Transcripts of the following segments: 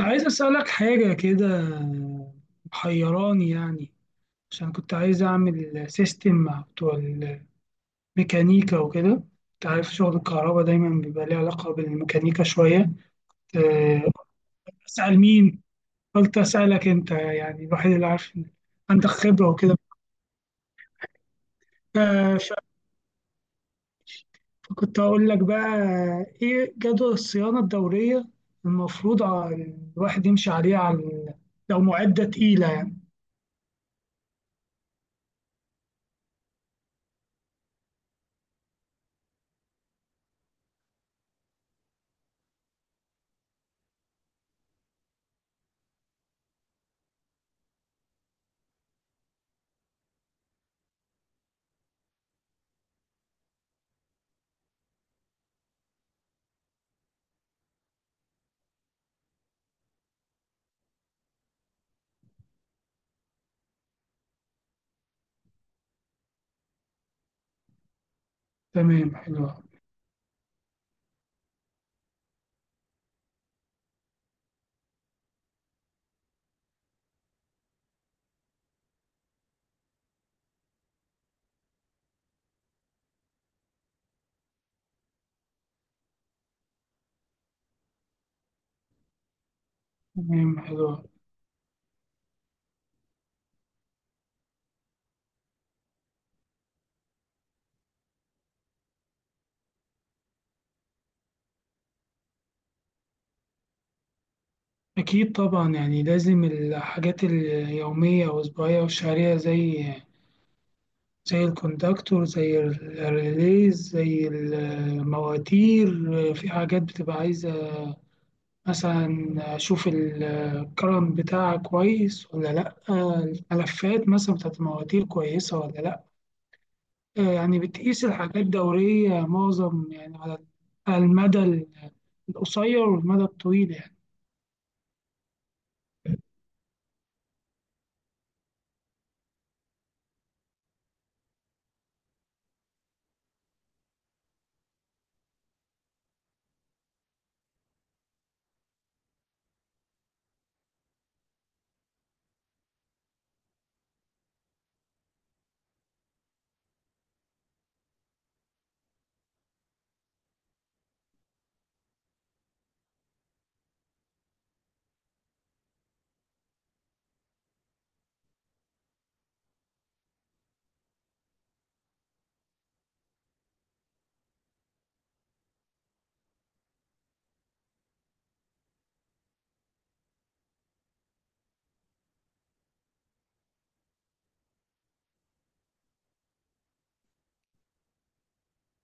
أنا عايز أسألك حاجة كده، محيراني يعني. عشان كنت عايز أعمل سيستم مع بتوع الميكانيكا وكده. أنت عارف شغل الكهرباء دايما بيبقى ليه علاقة بالميكانيكا شوية. أه، أسأل مين؟ قلت أسألك أنت يعني الوحيد اللي عارف إن عندك خبرة وكده. أه، ف- فكنت هقول لك بقى، إيه جدول الصيانة الدورية المفروض الواحد يمشي عليه لو معدة تقيلة يعني. تمام حلو. تمام حلو. أكيد طبعا، يعني لازم الحاجات اليومية والأسبوعية والشهرية، زي الكوندكتور، زي الريليز، زي المواتير. في حاجات بتبقى عايزة مثلا أشوف الكرم بتاعها كويس ولا لأ، الملفات مثلا بتاعت المواتير كويسة ولا لأ. يعني بتقيس الحاجات دورية معظم يعني على على المدى القصير والمدى الطويل يعني.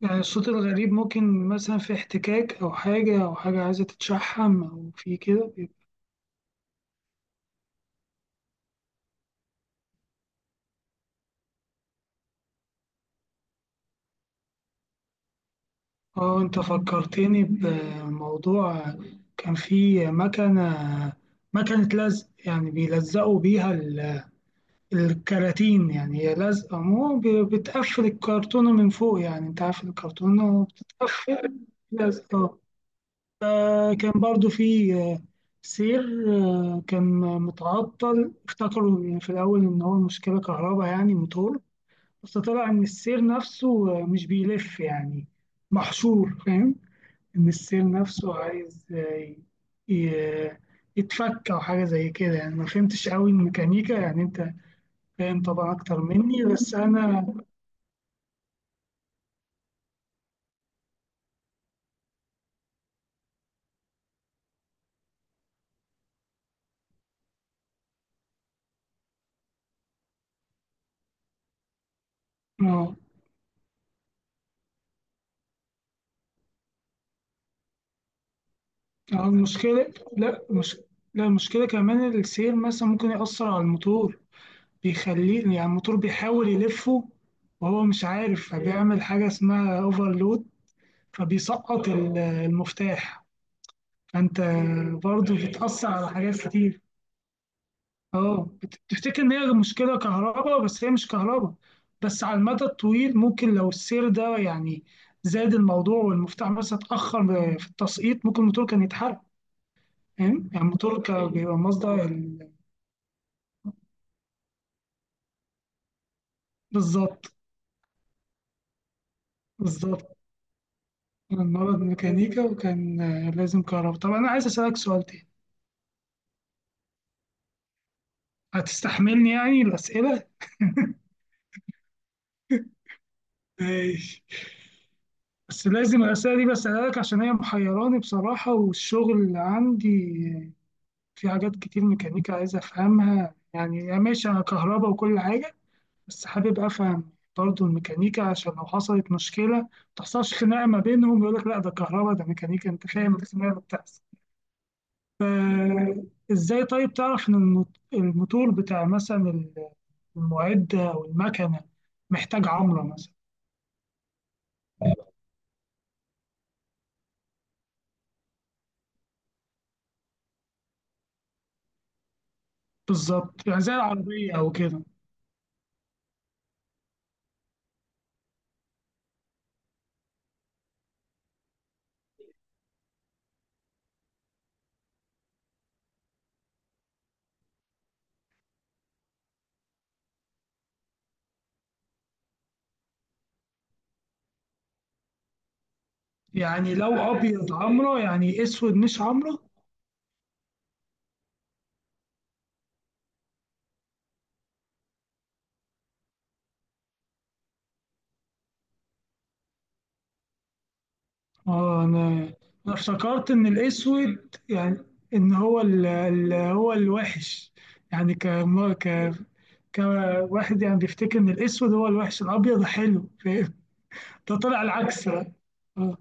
يعني الصوت الغريب ممكن مثلا في احتكاك أو حاجة، أو حاجة عايزة تتشحم، أو في كده بيبقى-. اه أنت فكرتني بموضوع. كان في مكنة، مكنة لزق يعني بيلزقوا بيها الكراتين، يعني هي لزقة مو بتقفل الكرتونة من فوق. يعني أنت عارف الكرتونة بتتقفل لزقة. كان برضو في سير، كان متعطل. افتكروا يعني في الأول إن هو مشكلة كهرباء، يعني موتور، بس طلع ان السير نفسه مش بيلف يعني، محشور، فاهم. ان السير نفسه عايز ي- يتفك او حاجه زي كده يعني. ما فهمتش قوي الميكانيكا يعني، انت فاهم طبعا اكتر مني بس انا اه. المشكله لا مش لا، المشكله كمان السير مثلا ممكن ياثر على الموتور، بيخليه يعني الموتور بيحاول يلفه وهو مش عارف، فبيعمل حاجه اسمها اوفرلود، فبيسقط المفتاح. فانت برضه بتأثر على حاجات كتير. اه بتفتكر ان هي المشكله كهرباء بس هي مش كهرباء. بس على المدى الطويل، ممكن لو السير ده يعني زاد الموضوع والمفتاح مثلا اتأخر في التسقيط، ممكن الموتور كان يتحرق. فاهم يعني الموتور كان بيبقى مصدر بالظبط. بالظبط. أنا النهارده ميكانيكا وكان لازم كهرباء. طب انا عايز اسألك سؤال تاني، هتستحملني يعني الأسئلة؟ ماشي. بس لازم الأسئلة دي بسألها لك عشان هي محيراني بصراحة، والشغل عندي في حاجات كتير ميكانيكا عايز أفهمها. يعني ماشي أنا كهرباء وكل حاجة، بس حابب أفهم برضه الميكانيكا عشان لو حصلت مشكلة ما تحصلش خناقة ما بينهم. يقول لك لا ده كهرباء، ده ميكانيكا، أنت فاهم الخناقة بتحصل. فإزاي طيب تعرف إن الموتور بتاع مثلا المعدة أو المكنة محتاج عمرة مثلا. بالظبط، يعني زي العربية أو كده. يعني لو ابيض عمرة، يعني اسود مش عمرة. اه انا، انا افتكرت ان الاسود يعني ان هو هو الوحش يعني ك... كواحد يعني بيفتكر ان الاسود هو الوحش، الابيض حلو فاهم. ده طلع العكس بقى. اه.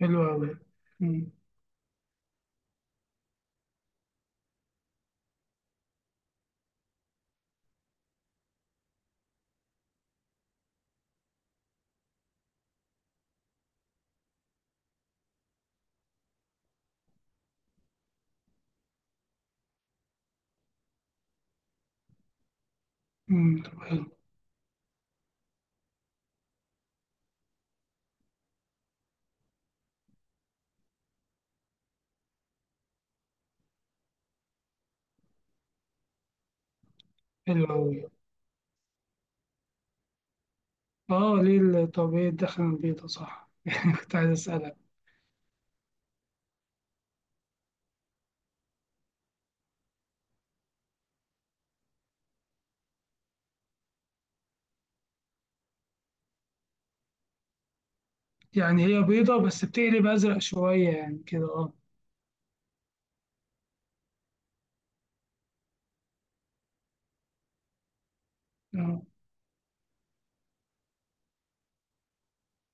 حلو قوي. حلو. حلو قوي. اه ليه طب ايه الدخن البيضة صح يعني كنت عايز اسالك. يعني هي بيضة بس بتقلب ازرق شوية يعني كده، اه. آه.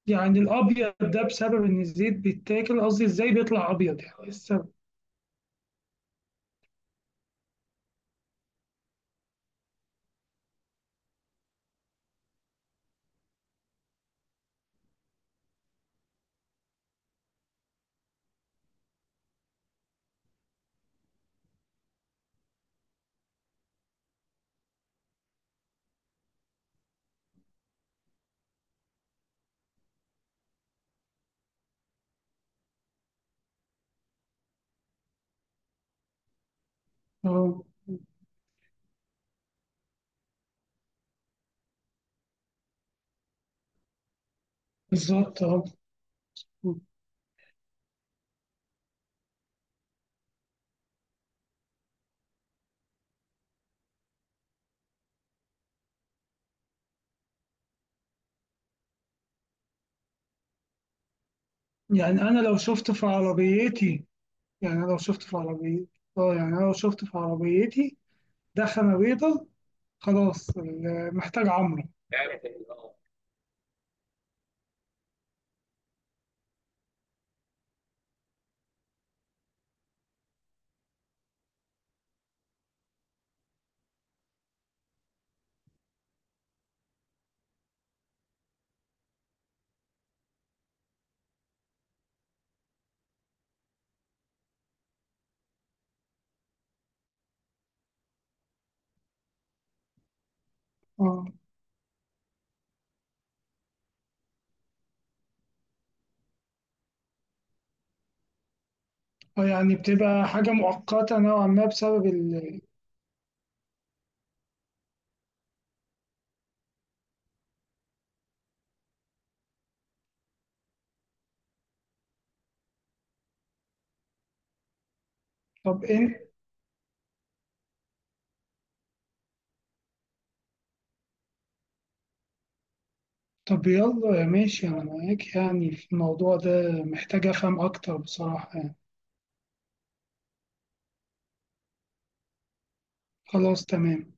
يعني الابيض ده بسبب ان الزيت بيتاكل؟ قصدي ازاي بيطلع ابيض، يعني إيه السبب؟ اه بالظبط اه. يعني انا لو شفت في عربيتي، يعني أنا لو شفت في عربيتي، اه يعني أنا لو شفت في عربيتي دخنة بيضة، خلاص محتاج عمرة. اه. يعني بتبقى حاجة مؤقتة نوعا ما بسبب ال.... طب انت، طب يلا يا ماشي انا معاك يعني في الموضوع ده، محتاج افهم اكتر بصراحة يعني. خلاص تمام.